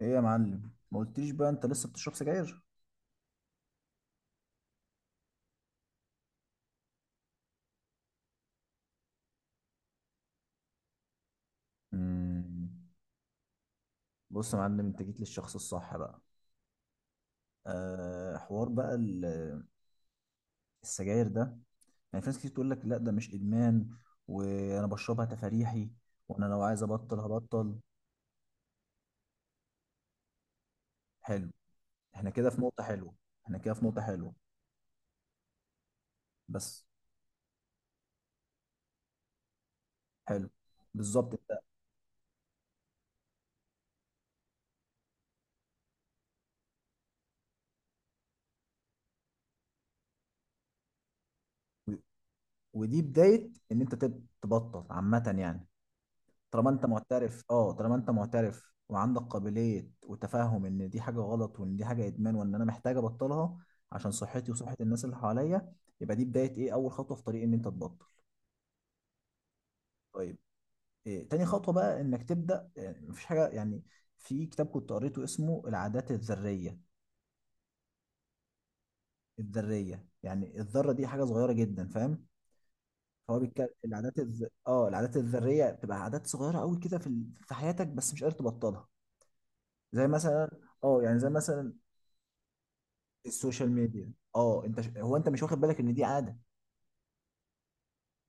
ايه يا معلم، ما قلتليش بقى انت لسه بتشرب سجاير؟ مم. بص يا معلم، انت جيت للشخص الصح بقى. أه، حوار بقى السجاير ده، يعني في ناس كتير تقول لك لا ده مش ادمان وانا بشربها تفريحي، وانا لو عايز ابطل هبطل. حلو. احنا كده في نقطة حلوة. احنا كده في نقطة حلوة بس حلو، بالظبط انت. و- ودي بداية ان انت تبطل عامة، يعني طالما انت معترف، اه طالما انت معترف وعندك قابلية وتفهم ان دي حاجة غلط وان دي حاجة ادمان وان انا محتاج ابطلها عشان صحتي وصحة الناس اللي حواليا، يبقى دي بداية ايه؟ اول خطوة في طريق ان انت تبطل. طيب، إيه تاني خطوة بقى؟ انك تبدأ، يعني مفيش حاجة يعني. في كتاب كنت قريته اسمه العادات الذرية. الذرية يعني الذرة دي حاجة صغيرة جدا، فاهم؟ فهو بيتكلم العادات الذرية بتبقى عادات صغيرة قوي كده في حياتك، بس مش قادر تبطلها. زي مثلا، اه يعني زي مثلا السوشيال ميديا، اه انت هو انت مش واخد بالك ان دي عاده،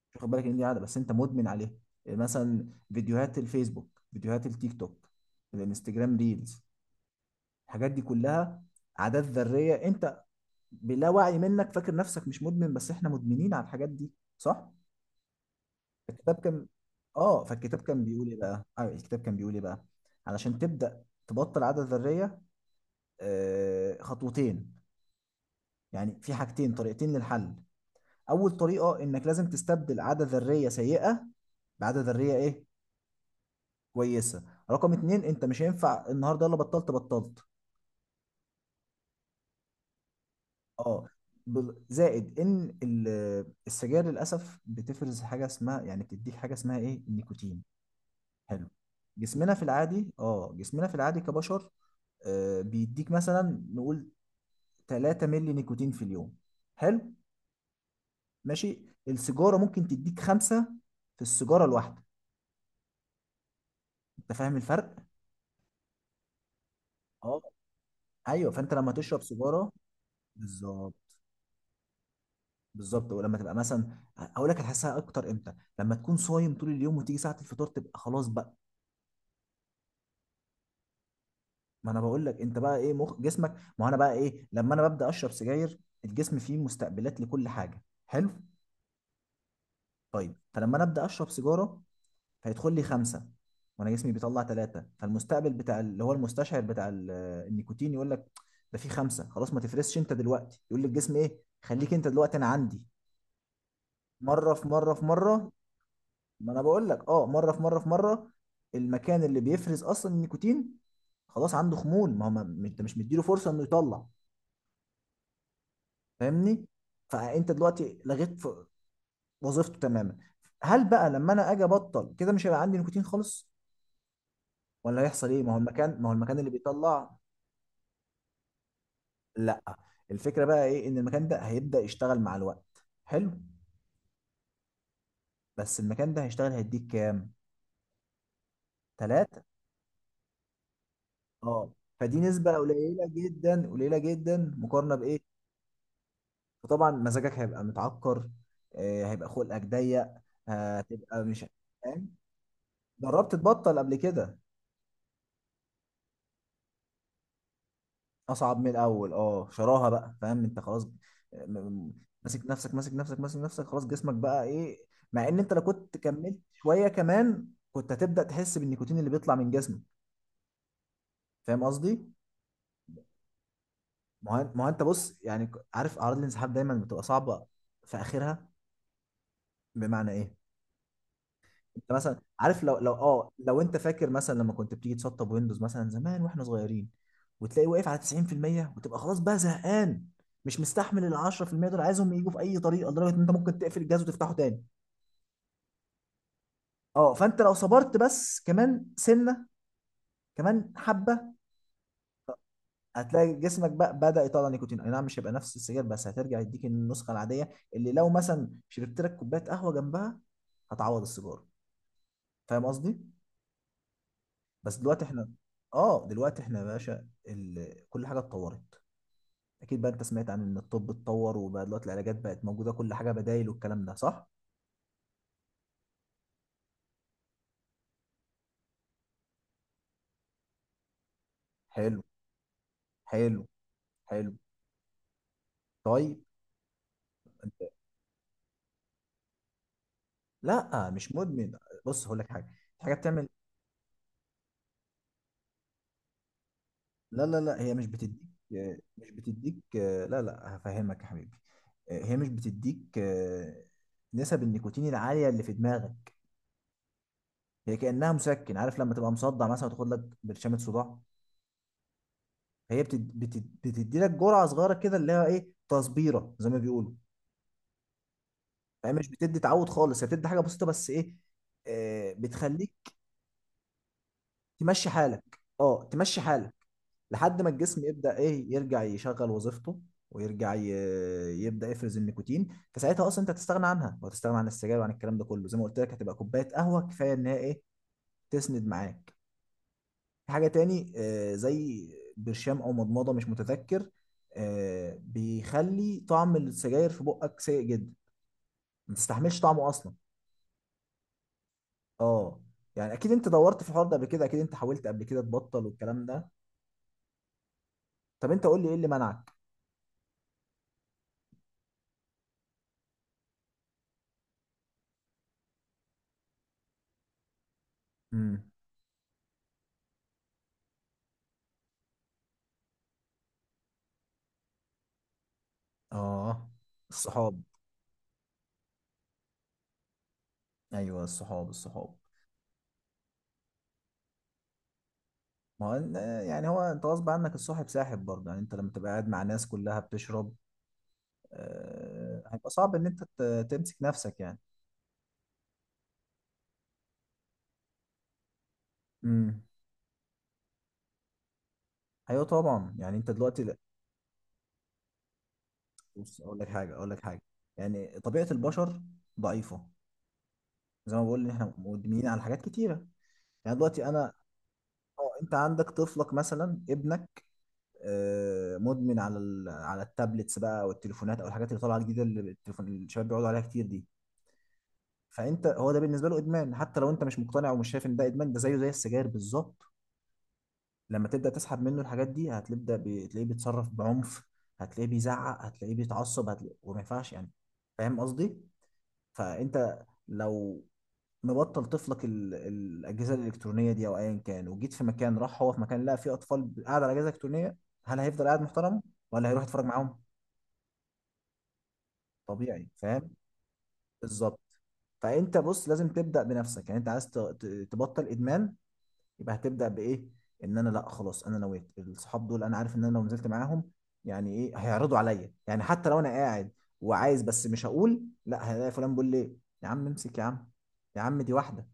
مش واخد بالك ان دي عاده بس انت مدمن عليها. يعني مثلا فيديوهات الفيسبوك، فيديوهات التيك توك، الانستجرام ريلز، الحاجات دي كلها عادات ذريه. انت بلا وعي منك فاكر نفسك مش مدمن، بس احنا مدمنين على الحاجات دي، صح. الكتاب كان، اه فالكتاب كان بيقول ايه بقى؟ آه، الكتاب كان بيقول ايه بقى؟ علشان تبدا تبطل عاده ذريه، آه خطوتين، يعني في حاجتين، طريقتين للحل. اول طريقه انك لازم تستبدل عاده ذريه سيئه بعاده ذريه ايه كويسه. رقم اتنين، انت مش هينفع النهارده يلا بطلت بطلت. اه، زائد ان السجاير للاسف بتفرز حاجه اسمها، يعني بتديك حاجه اسمها ايه، النيكوتين. حلو. جسمنا في العادي، اه جسمنا في العادي كبشر، آه، بيديك مثلا نقول 3 مللي نيكوتين في اليوم. حلو، ماشي. السيجاره ممكن تديك خمسة في السيجاره الواحده. انت فاهم الفرق؟ اه، ايوه، فانت لما تشرب سيجاره، بالظبط، بالظبط. ولما تبقى مثلا، اقول لك هتحسها اكتر امتى؟ لما تكون صايم طول اليوم وتيجي ساعه الفطار، تبقى خلاص بقى. ما انا بقول لك، انت بقى ايه؟ مخ جسمك ما هو، انا بقى ايه؟ لما انا ببدا اشرب سجاير، الجسم فيه مستقبلات لكل حاجه، حلو. طيب، فلما انا ابدا اشرب سيجاره، هيدخل لي خمسه، وانا جسمي بيطلع ثلاثه، فالمستقبل بتاع اللي هو المستشعر بتاع النيكوتين يقول لك ده في خمسه خلاص، ما تفرسش انت دلوقتي، يقول للجسم ايه، خليك انت دلوقتي انا عندي مره في مره في مره. ما انا بقول لك، اه مره في مره في مره. المكان اللي بيفرز اصلا النيكوتين خلاص عنده خمول، ما هو انت مش مديله فرصه انه يطلع، فاهمني؟ فانت دلوقتي لغيت وظيفته تماما. هل بقى لما انا اجي ابطل كده مش هيبقى عندي نيكوتين خالص؟ ولا هيحصل ايه؟ ما هو المكان اللي بيطلع، لا. الفكره بقى ايه؟ ان المكان ده هيبدا يشتغل مع الوقت، حلو. بس المكان ده هيشتغل هيديك كام؟ ثلاثة. اه، فدي نسبه قليله جدا، قليله جدا، مقارنه بايه؟ فطبعا مزاجك هيبقى متعكر، آه، هيبقى خلقك ضيق، هتبقى مش فاهم. جربت تبطل قبل كده؟ اصعب من الاول، اه شراها بقى، فاهم انت؟ خلاص، م- م- ماسك نفسك، ماسك نفسك، ماسك نفسك، خلاص جسمك بقى ايه. مع ان انت لو كنت كملت شويه كمان كنت هتبدا تحس بالنيكوتين اللي بيطلع من جسمك، فاهم قصدي؟ ما هو انت بص، يعني عارف اعراض الانسحاب دايما بتبقى صعبه في اخرها. بمعنى ايه؟ انت مثلا عارف، لو انت فاكر مثلا لما كنت بتيجي تسطب ويندوز مثلا زمان واحنا صغيرين، وتلاقي واقف على 90% وتبقى خلاص بقى زهقان، مش مستحمل ال 10% دول، عايزهم يجوا في اي طريقه، لدرجه ان انت ممكن تقفل الجهاز وتفتحه تاني. اه، فانت لو صبرت بس كمان سنه، كمان حبه، هتلاقي جسمك بقى بدأ يطلع نيكوتين. اي نعم مش هيبقى نفس السجاير، بس هترجع يديك النسخه العاديه، اللي لو مثلا شربت لك كوبايه قهوه جنبها هتعوض السيجاره. فاهم قصدي؟ بس دلوقتي احنا، اه دلوقتي احنا يا باشا كل حاجه اتطورت، اكيد بقى انت سمعت عن ان الطب اتطور وبقى دلوقتي العلاجات بقت موجوده، كل حاجه بدايل، والكلام ده صح. حلو، حلو، حلو، طيب. انت لا مش مدمن. بص هقول لك حاجه، في حاجه بتعمل، لا، هي مش بتديك، مش بتديك، لا، هفهمك يا حبيبي. هي مش بتديك نسب النيكوتين العاليه اللي في دماغك. هي كانها مسكن، عارف لما تبقى مصدع مثلا وتاخد لك برشامه صداع؟ بتدي لك جرعه صغيره كده، اللي هي ايه، تصبيره زي ما بيقولوا. هي مش بتدي تعود خالص، هي بتدي حاجه بسيطه، بس ايه؟ آه، بتخليك تمشي حالك، اه تمشي حالك، لحد ما الجسم يبدا ايه، يرجع يشغل وظيفته، ويرجع ي... يبدا يفرز النيكوتين. فساعتها اصلا انت هتستغنى عنها، وهتستغنى عن السجاير وعن الكلام ده كله. زي ما قلت لك، هتبقى كوبايه قهوه كفايه ان هي ايه، تسند معاك. في حاجة تاني، آه، زي برشام أو مضمضة، مش متذكر. آه، بيخلي طعم السجاير في بقك سيء جدا، ما تستحملش طعمه أصلا. اه، يعني أكيد أنت دورت في الحوار ده قبل كده، أكيد أنت حاولت قبل كده تبطل والكلام ده. طب أنت قول لي، إيه اللي منعك؟ امم، اه الصحاب، أيوه الصحاب، الصحاب. ما هو يعني هو أنت غصب عنك الصاحب ساحب برضه، يعني أنت لما تبقى قاعد مع ناس كلها بتشرب، آه، هيبقى صعب إن أنت تمسك نفسك يعني. امم، ايوه طبعا، يعني انت دلوقتي، بص اقول لك حاجه، يعني طبيعه البشر ضعيفه، زي ما بقول ان احنا مدمنين على حاجات كتيره. يعني دلوقتي انا، اه انت عندك طفلك مثلا، ابنك، مدمن على على التابلتس بقى والتليفونات او الحاجات اللي طالعه جديده، اللي التليفون الشباب بيقعدوا عليها كتير دي. فانت هو ده بالنسبه له ادمان، حتى لو انت مش مقتنع ومش شايف ان ده ادمان، ده زيه زي السجاير بالظبط. لما تبدا تسحب منه الحاجات دي، تلاقيه بيتصرف بعنف، هتلاقيه بيزعق، هتلاقيه بيتعصب، هتلاقيه وما ينفعش يعني، فاهم قصدي؟ فانت لو مبطل طفلك الاجهزه الالكترونيه دي او ايا كان، وجيت في مكان، راح هو في مكان لقى فيه اطفال قاعده على اجهزه الكترونيه، هل هيفضل قاعد محترم؟ ولا هيروح يتفرج معاهم؟ طبيعي، فاهم؟ بالظبط. فانت بص، لازم تبدا بنفسك، يعني انت عايز تبطل ادمان، يبقى هتبدا بايه؟ ان انا لا خلاص انا نويت، الصحاب دول انا عارف ان انا لو نزلت معاهم يعني ايه، هيعرضوا عليا، يعني حتى لو انا قاعد وعايز بس مش هقول لا، هلاقي فلان بيقول ليه يا عم امسك يا عم، يا عم دي واحده،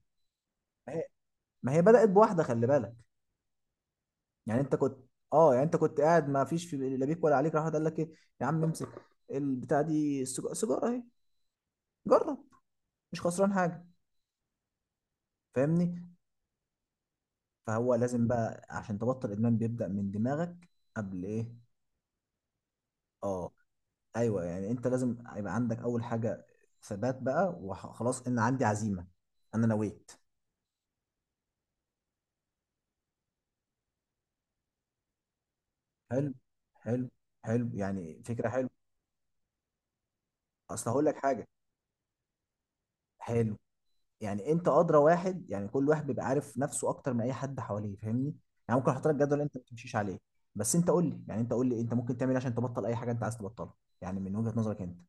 ما هي بدأت بواحدة، خلي بالك. يعني انت كنت، اه يعني انت كنت قاعد ما فيش في لا بيك ولا عليك، راح واحد قال لك ايه، يا عم امسك البتاع دي، سيجارة اهي، جرب، مش خسران حاجة، فاهمني؟ فهو لازم بقى عشان تبطل ادمان بيبدأ من دماغك قبل ايه. اه، ايوه، يعني انت لازم يبقى عندك اول حاجة ثبات بقى، وخلاص ان عندي عزيمة، انا نويت. حلو، حلو، حلو، يعني فكرة حلوة. اصل هقول لك حاجة، حلو، يعني انت ادرى واحد، يعني كل واحد بيبقى عارف نفسه اكتر من اي حد حواليه، فاهمني؟ يعني ممكن احط لك جدول انت ما تمشيش عليه. بس انت قول لي، انت ممكن تعمل ايه عشان تبطل اي حاجه انت عايز تبطلها؟ يعني من وجهه نظرك انت.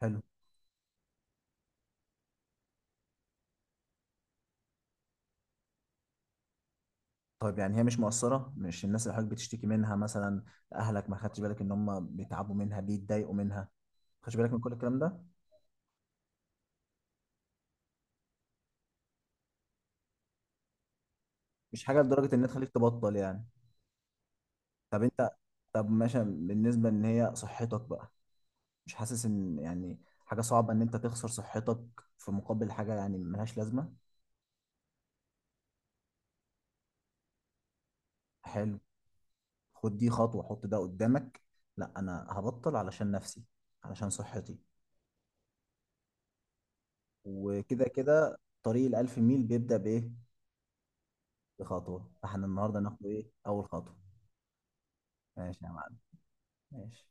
حلو. طيب، يعني هي مش مقصره، مش الناس اللي حضرتك بتشتكي منها مثلا، اهلك، ما خدتش بالك ان هم بيتعبوا منها، بيتضايقوا منها، ما خدتش بالك من كل الكلام ده؟ مش حاجه لدرجه ان هي تخليك تبطل يعني؟ طب انت، طب ماشي، بالنسبه ان هي صحتك بقى، مش حاسس ان يعني حاجه صعبه ان انت تخسر صحتك في مقابل حاجه يعني ملهاش لازمه؟ حلو، خد دي خطوة، حط ده قدامك، لا أنا هبطل علشان نفسي، علشان صحتي. وكده كده، طريق الألف ميل بيبدأ بإيه؟ بخطوة. فاحنا النهاردة ناخد إيه؟ أول خطوة. ماشي يا معلم، ماشي